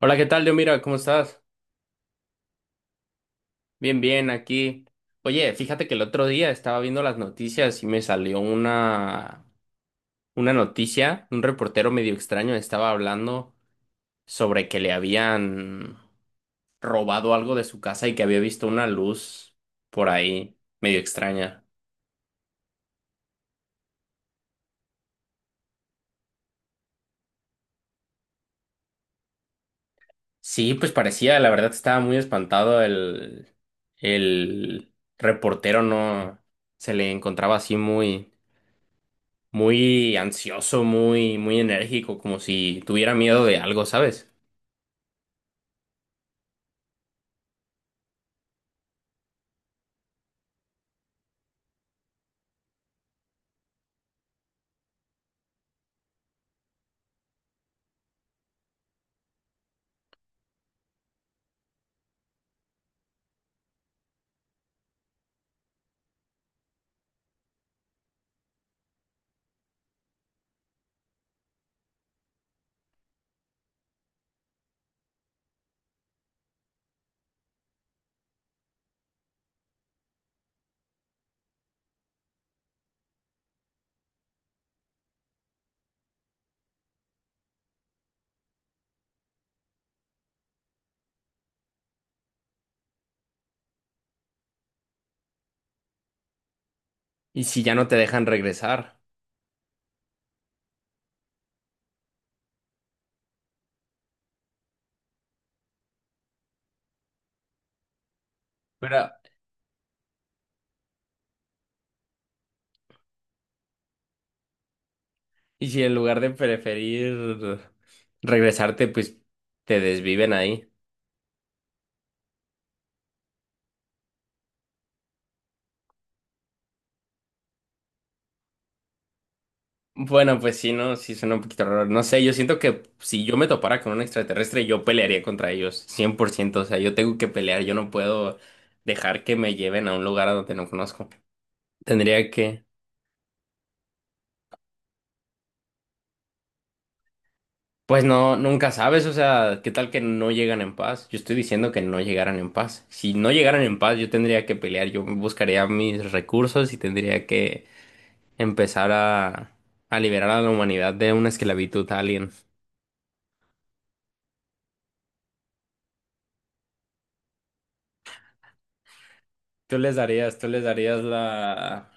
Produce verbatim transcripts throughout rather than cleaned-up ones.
Hola, ¿qué tal, Dios? Mira, ¿cómo estás? Bien, bien, aquí. Oye, fíjate que el otro día estaba viendo las noticias y me salió una, una noticia. Un reportero medio extraño estaba hablando sobre que le habían robado algo de su casa y que había visto una luz por ahí, medio extraña. Sí, pues parecía, la verdad estaba muy espantado el, el reportero, no se le encontraba así muy. muy ansioso, muy, muy enérgico, como si tuviera miedo de algo, ¿sabes? ¿Y si ya no te dejan regresar? Pero, ¿y si en lugar de preferir regresarte, pues te desviven ahí? Bueno, pues sí, no, sí suena un poquito raro. No sé, yo siento que si yo me topara con un extraterrestre, yo pelearía contra ellos, cien por ciento. O sea, yo tengo que pelear, yo no puedo dejar que me lleven a un lugar a donde no conozco. Tendría que... Pues no, nunca sabes, o sea, ¿qué tal que no llegan en paz? Yo estoy diciendo que no llegaran en paz. Si no llegaran en paz, yo tendría que pelear, yo buscaría mis recursos y tendría que empezar a, a liberar a la humanidad de una esclavitud alien. Tú les darías, tú les darías la...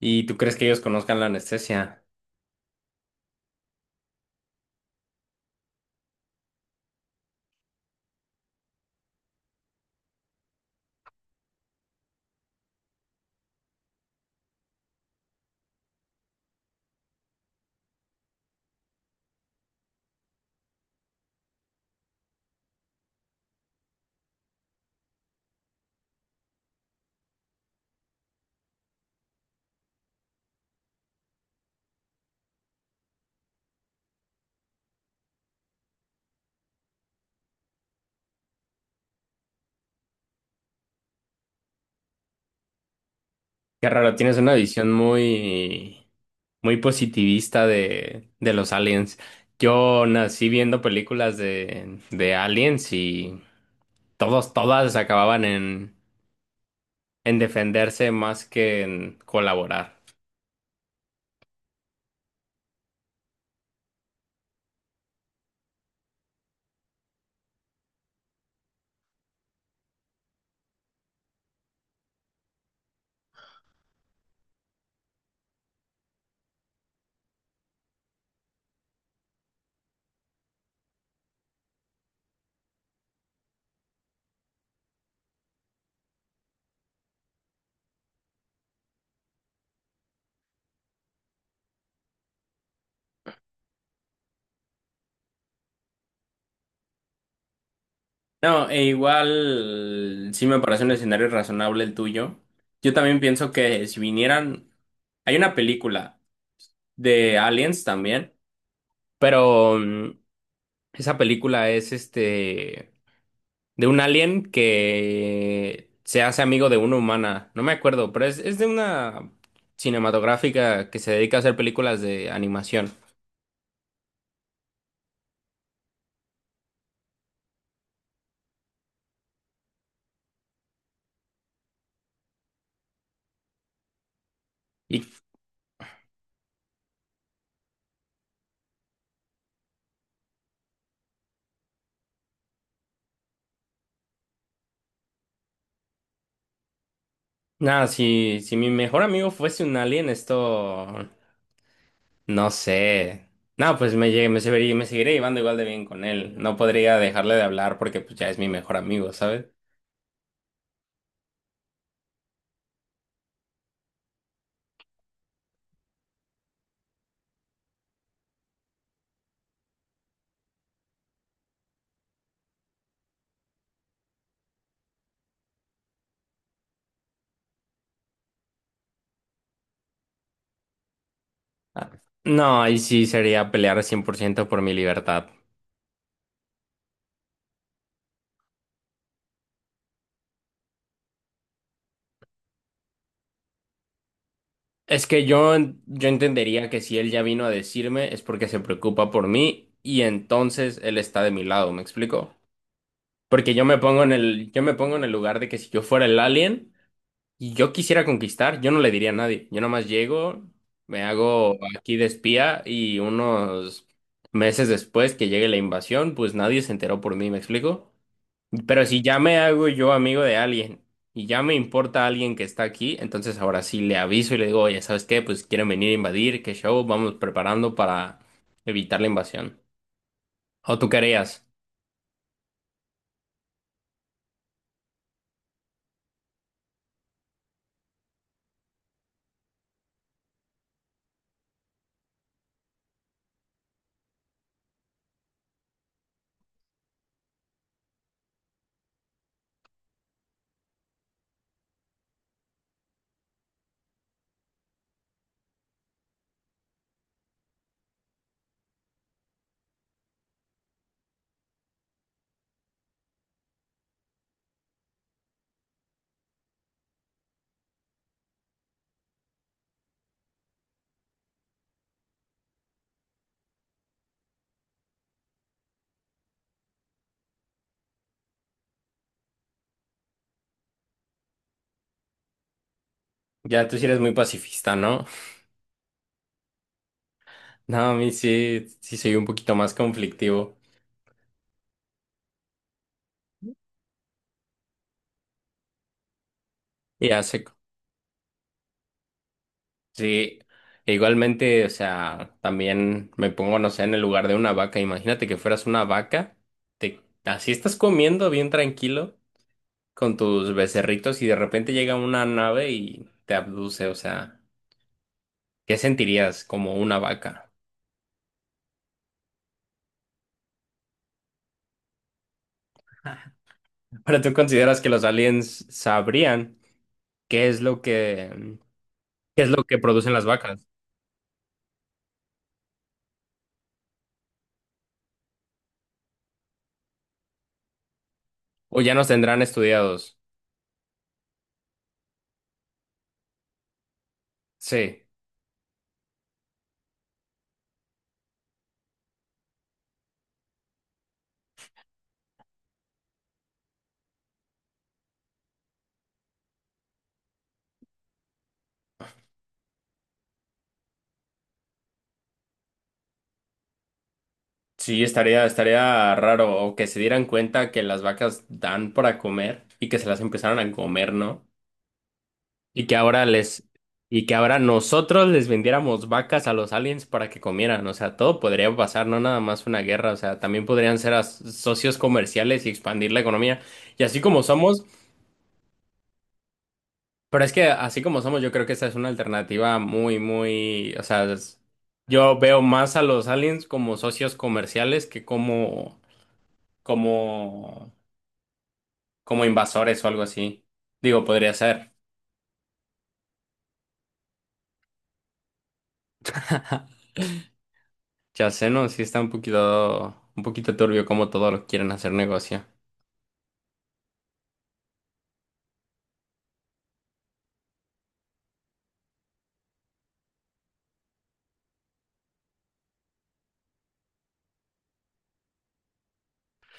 ¿Y tú crees que ellos conozcan la anestesia? Qué raro, tienes una visión muy, muy positivista de, de los aliens. Yo nací viendo películas de, de aliens y... Todos, todas acababan en, en defenderse más que en colaborar. No, e igual sí me parece un escenario razonable el tuyo. Yo también pienso que si vinieran, hay una película de Aliens también, pero mm, esa película es este de un alien que se hace amigo de una humana. No me acuerdo, pero es, es de una cinematográfica que se dedica a hacer películas de animación. Y no, si, si mi mejor amigo fuese un alien, esto no sé. No, pues me, llegué- me, seguiría, me seguiré llevando igual de bien con él. No podría dejarle de hablar porque pues ya es mi mejor amigo, ¿sabes? Ah, no, ahí sí sería pelear cien por ciento por mi libertad. Es que yo, yo entendería que si él ya vino a decirme es porque se preocupa por mí y entonces él está de mi lado, ¿me explico? Porque yo me pongo en el, yo me pongo en el lugar de que si yo fuera el alien y yo quisiera conquistar, yo no le diría a nadie. Yo nomás llego, me hago aquí de espía y unos meses después que llegue la invasión, pues nadie se enteró por mí, ¿me explico? Pero si ya me hago yo amigo de alguien y ya me importa alguien que está aquí, entonces ahora sí le aviso y le digo, oye, ¿sabes qué? Pues quieren venir a invadir, qué show, vamos preparando para evitar la invasión. ¿O tú querías? Ya tú sí eres muy pacifista, ¿no? No, a mí sí, sí soy un poquito más conflictivo. Y hace sí, e igualmente, o sea, también me pongo, no sé, en el lugar de una vaca. Imagínate que fueras una vaca, te, así estás comiendo bien tranquilo con tus becerritos y de repente llega una nave y te abduce, o sea, ¿qué sentirías como una vaca? Ahora, ¿tú consideras que los aliens sabrían qué es lo que, qué es lo que producen las vacas? ¿O ya nos tendrán estudiados? Sí. Sí, estaría, estaría raro o que se dieran cuenta que las vacas dan para comer y que se las empezaron a comer, ¿no? Y que ahora les, y que ahora nosotros les vendiéramos vacas a los aliens para que comieran. O sea, todo podría pasar, no nada más una guerra. O sea, también podrían ser as- socios comerciales y expandir la economía. Y así como somos, pero es que así como somos, yo creo que esa es una alternativa muy, muy, o sea, es- yo veo más a los aliens como socios comerciales que como como como invasores o algo así. Digo, podría ser. Ya sé, no, sí está un poquito, un poquito turbio como todos lo quieren hacer negocio.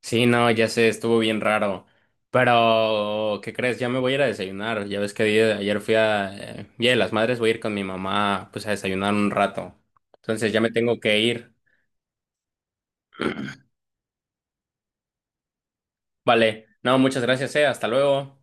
Sí, no, ya sé, estuvo bien raro. Pero, ¿qué crees? Ya me voy a ir a desayunar. Ya ves que día- ayer fui a eh, Día de las Madres, voy a ir con mi mamá, pues a desayunar un rato. Entonces ya me tengo que ir. Vale, no, muchas gracias, eh, hasta luego.